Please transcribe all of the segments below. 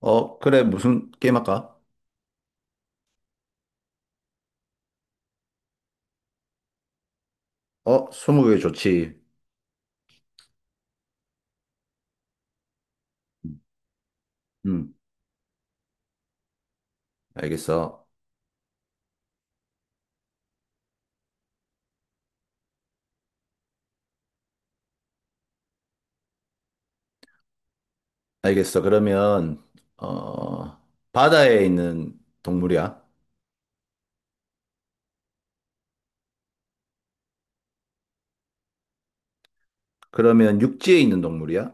그래, 무슨 게임 할까? 스무고개 좋지. 음, 알겠어. 알겠어. 어, 바다에 있는 동물이야? 그러면 육지에 있는 동물이야?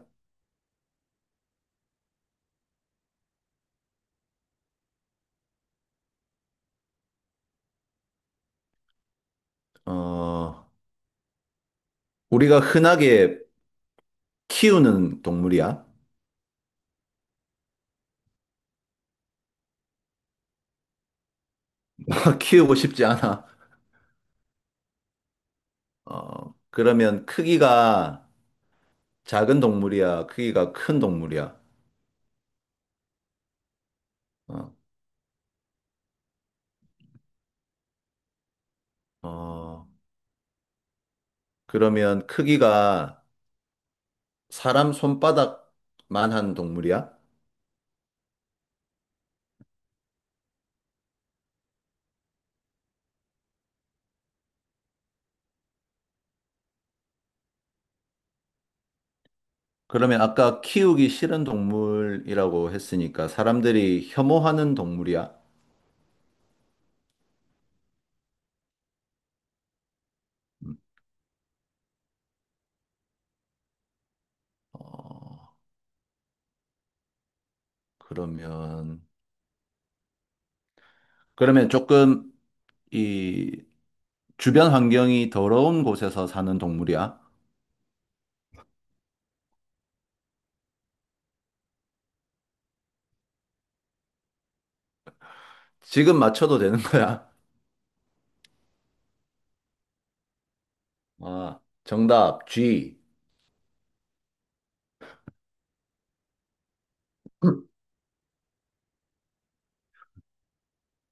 어, 우리가 흔하게 키우는 동물이야? 키우고 싶지 않아. 그러면 크기가 작은 동물이야? 크기가 큰 동물이야? 어, 어, 그러면 크기가 사람 손바닥만한 동물이야? 그러면 아까 키우기 싫은 동물이라고 했으니까 사람들이 혐오하는 동물이야? 음. 그러면, 그러면 조금 이 주변 환경이 더러운 곳에서 사는 동물이야? 지금 맞춰도 되는 거야? 아, 정답, G. 음.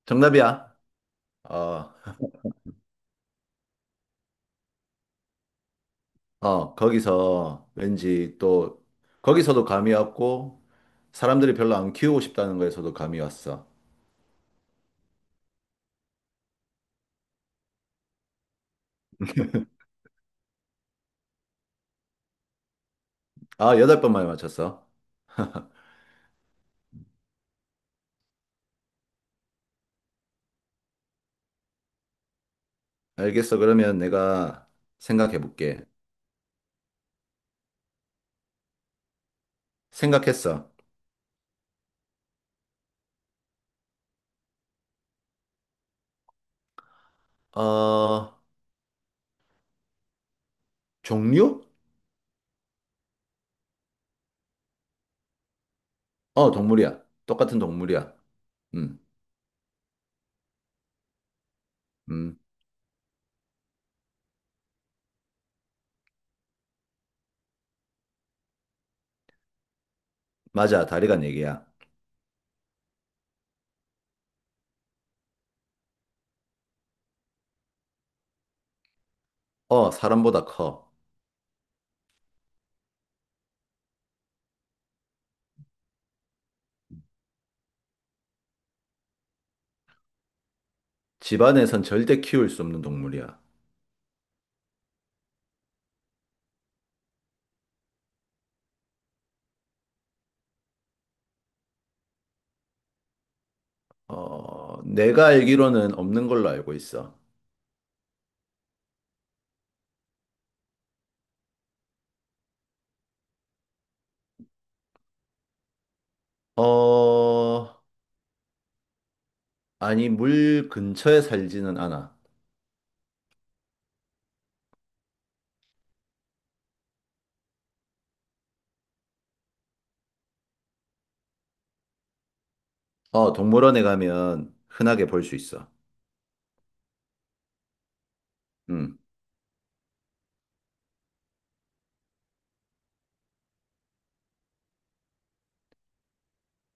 정답이야. 어, 거기서 왠지 또, 거기서도 감이 왔고, 사람들이 별로 안 키우고 싶다는 거에서도 감이 왔어. 아, 8번 만에 맞췄어. 알겠어. 그러면 내가 생각해 볼게. 생각했어. 어, 종류? 동물이야. 똑같은 동물이야. 음, 음. 맞아. 다리가 네 개야. 사람보다 커. 집안에선 절대 키울 수 없는 동물이야. 내가 알기로는 없는 걸로 알고 있어. 어, 아니, 물 근처에 살지는 않아. 동물원에 가면 흔하게 볼 수 있어. 음.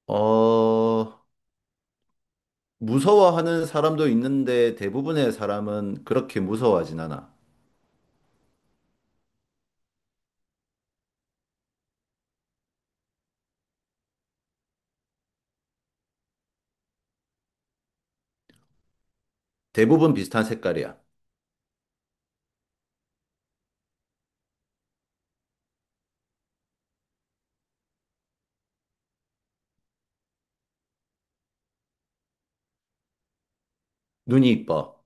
어, 무서워하는 사람도 있는데 대부분의 사람은 그렇게 무서워하진 않아. 대부분 비슷한 색깔이야. 눈이 이뻐.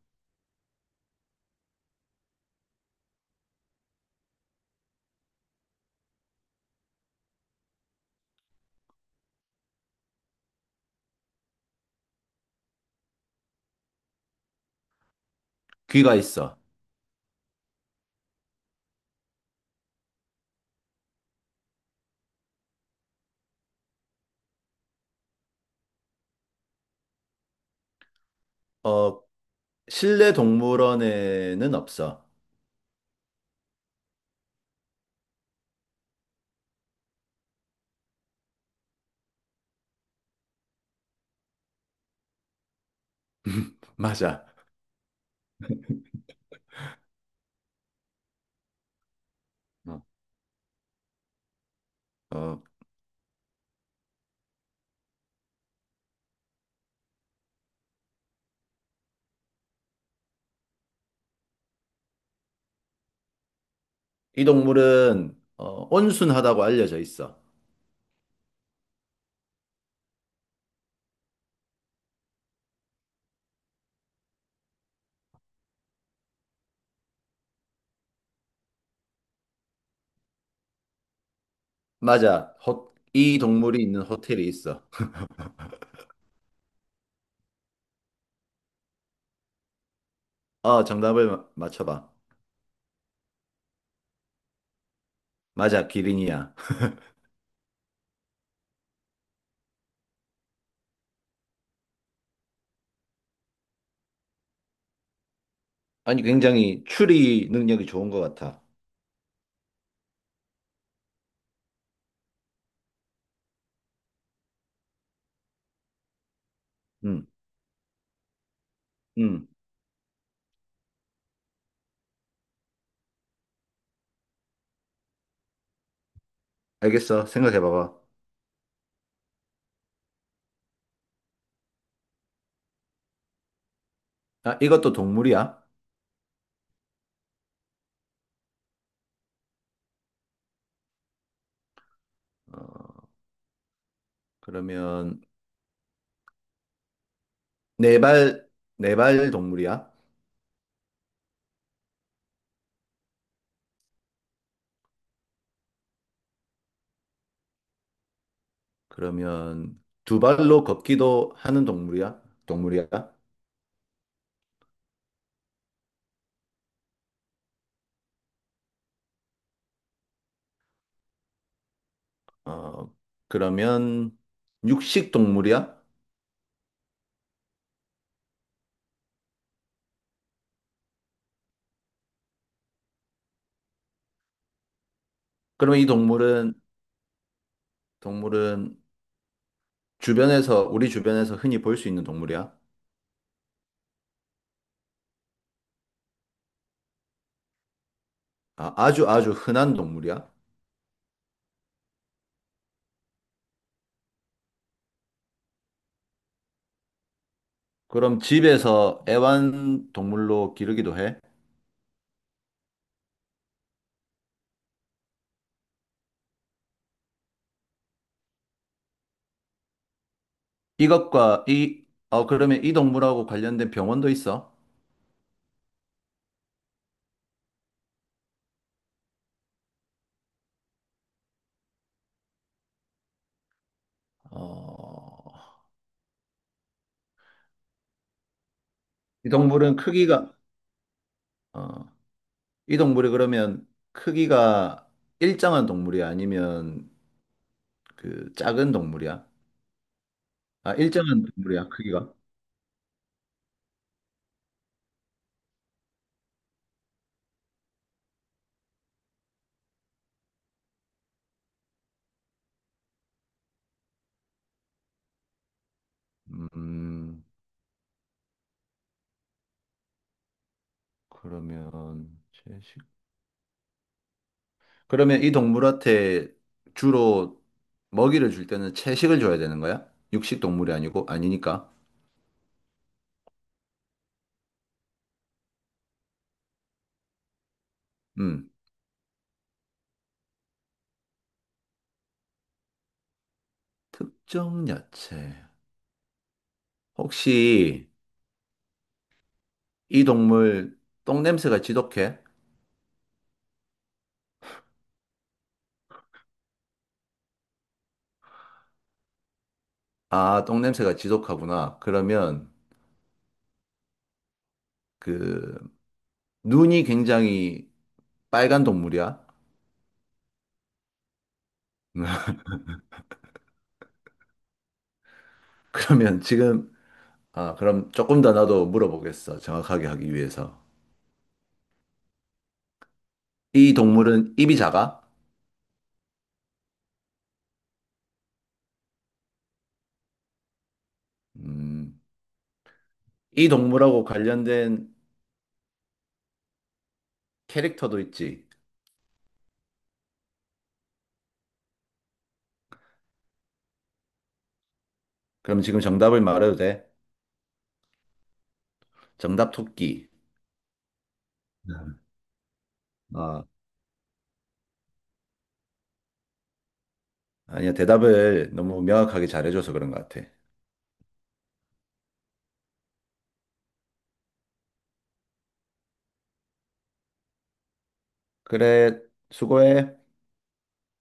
귀가 있어. 어, 실내 동물원에는 없어. 맞아. 어. 어, 이 동물은 온순하다고 알려져 있어. 맞아. 이 동물이 있는 호텔이 있어. 정답을 맞춰봐. 맞아, 기린이야. 아니, 굉장히 추리 능력이 좋은 것 같아. 응, 응. 알겠어. 생각해봐봐. 아, 이것도 동물이야? 어, 그러면 네 발, 네발 동물이야? 그러면 두 발로 걷기도 하는 동물이야? 동물이야? 어, 그러면 육식 동물이야? 그러면 이 동물은, 동물은 주변에서, 우리 주변에서 흔히 볼 수 있는 동물이야? 아, 아주 아주 흔한 동물이야? 그럼 집에서 애완 동물로 기르기도 해? 이것과 이, 그러면 이 동물하고 관련된 병원도 있어? 어, 이 동물은 어, 이 동물이 그러면 크기가 일정한 동물이야? 아니면 그 작은 동물이야? 아, 일정한 동물이야, 크기가. 음, 그러면 채식. 그러면 이 동물한테 주로 먹이를 줄 때는 채식을 줘야 되는 거야? 육식 동물이 아니고 아니니까. 음, 특정 야채. 혹시 이 동물 똥 냄새가 지독해? 아, 똥 냄새가 지독하구나. 그러면 그 눈이 굉장히 빨간 동물이야? 그러면 지금, 아, 그럼 조금 더 나도 물어보겠어. 정확하게 하기 위해서. 이 동물은 입이 작아? 음, 이 동물하고 관련된 캐릭터도 있지. 그럼 지금 정답을 말해도 돼? 정답 토끼. 아, 아니야. 대답을 너무 명확하게 잘해줘서 그런 것 같아. 그래, 수고해.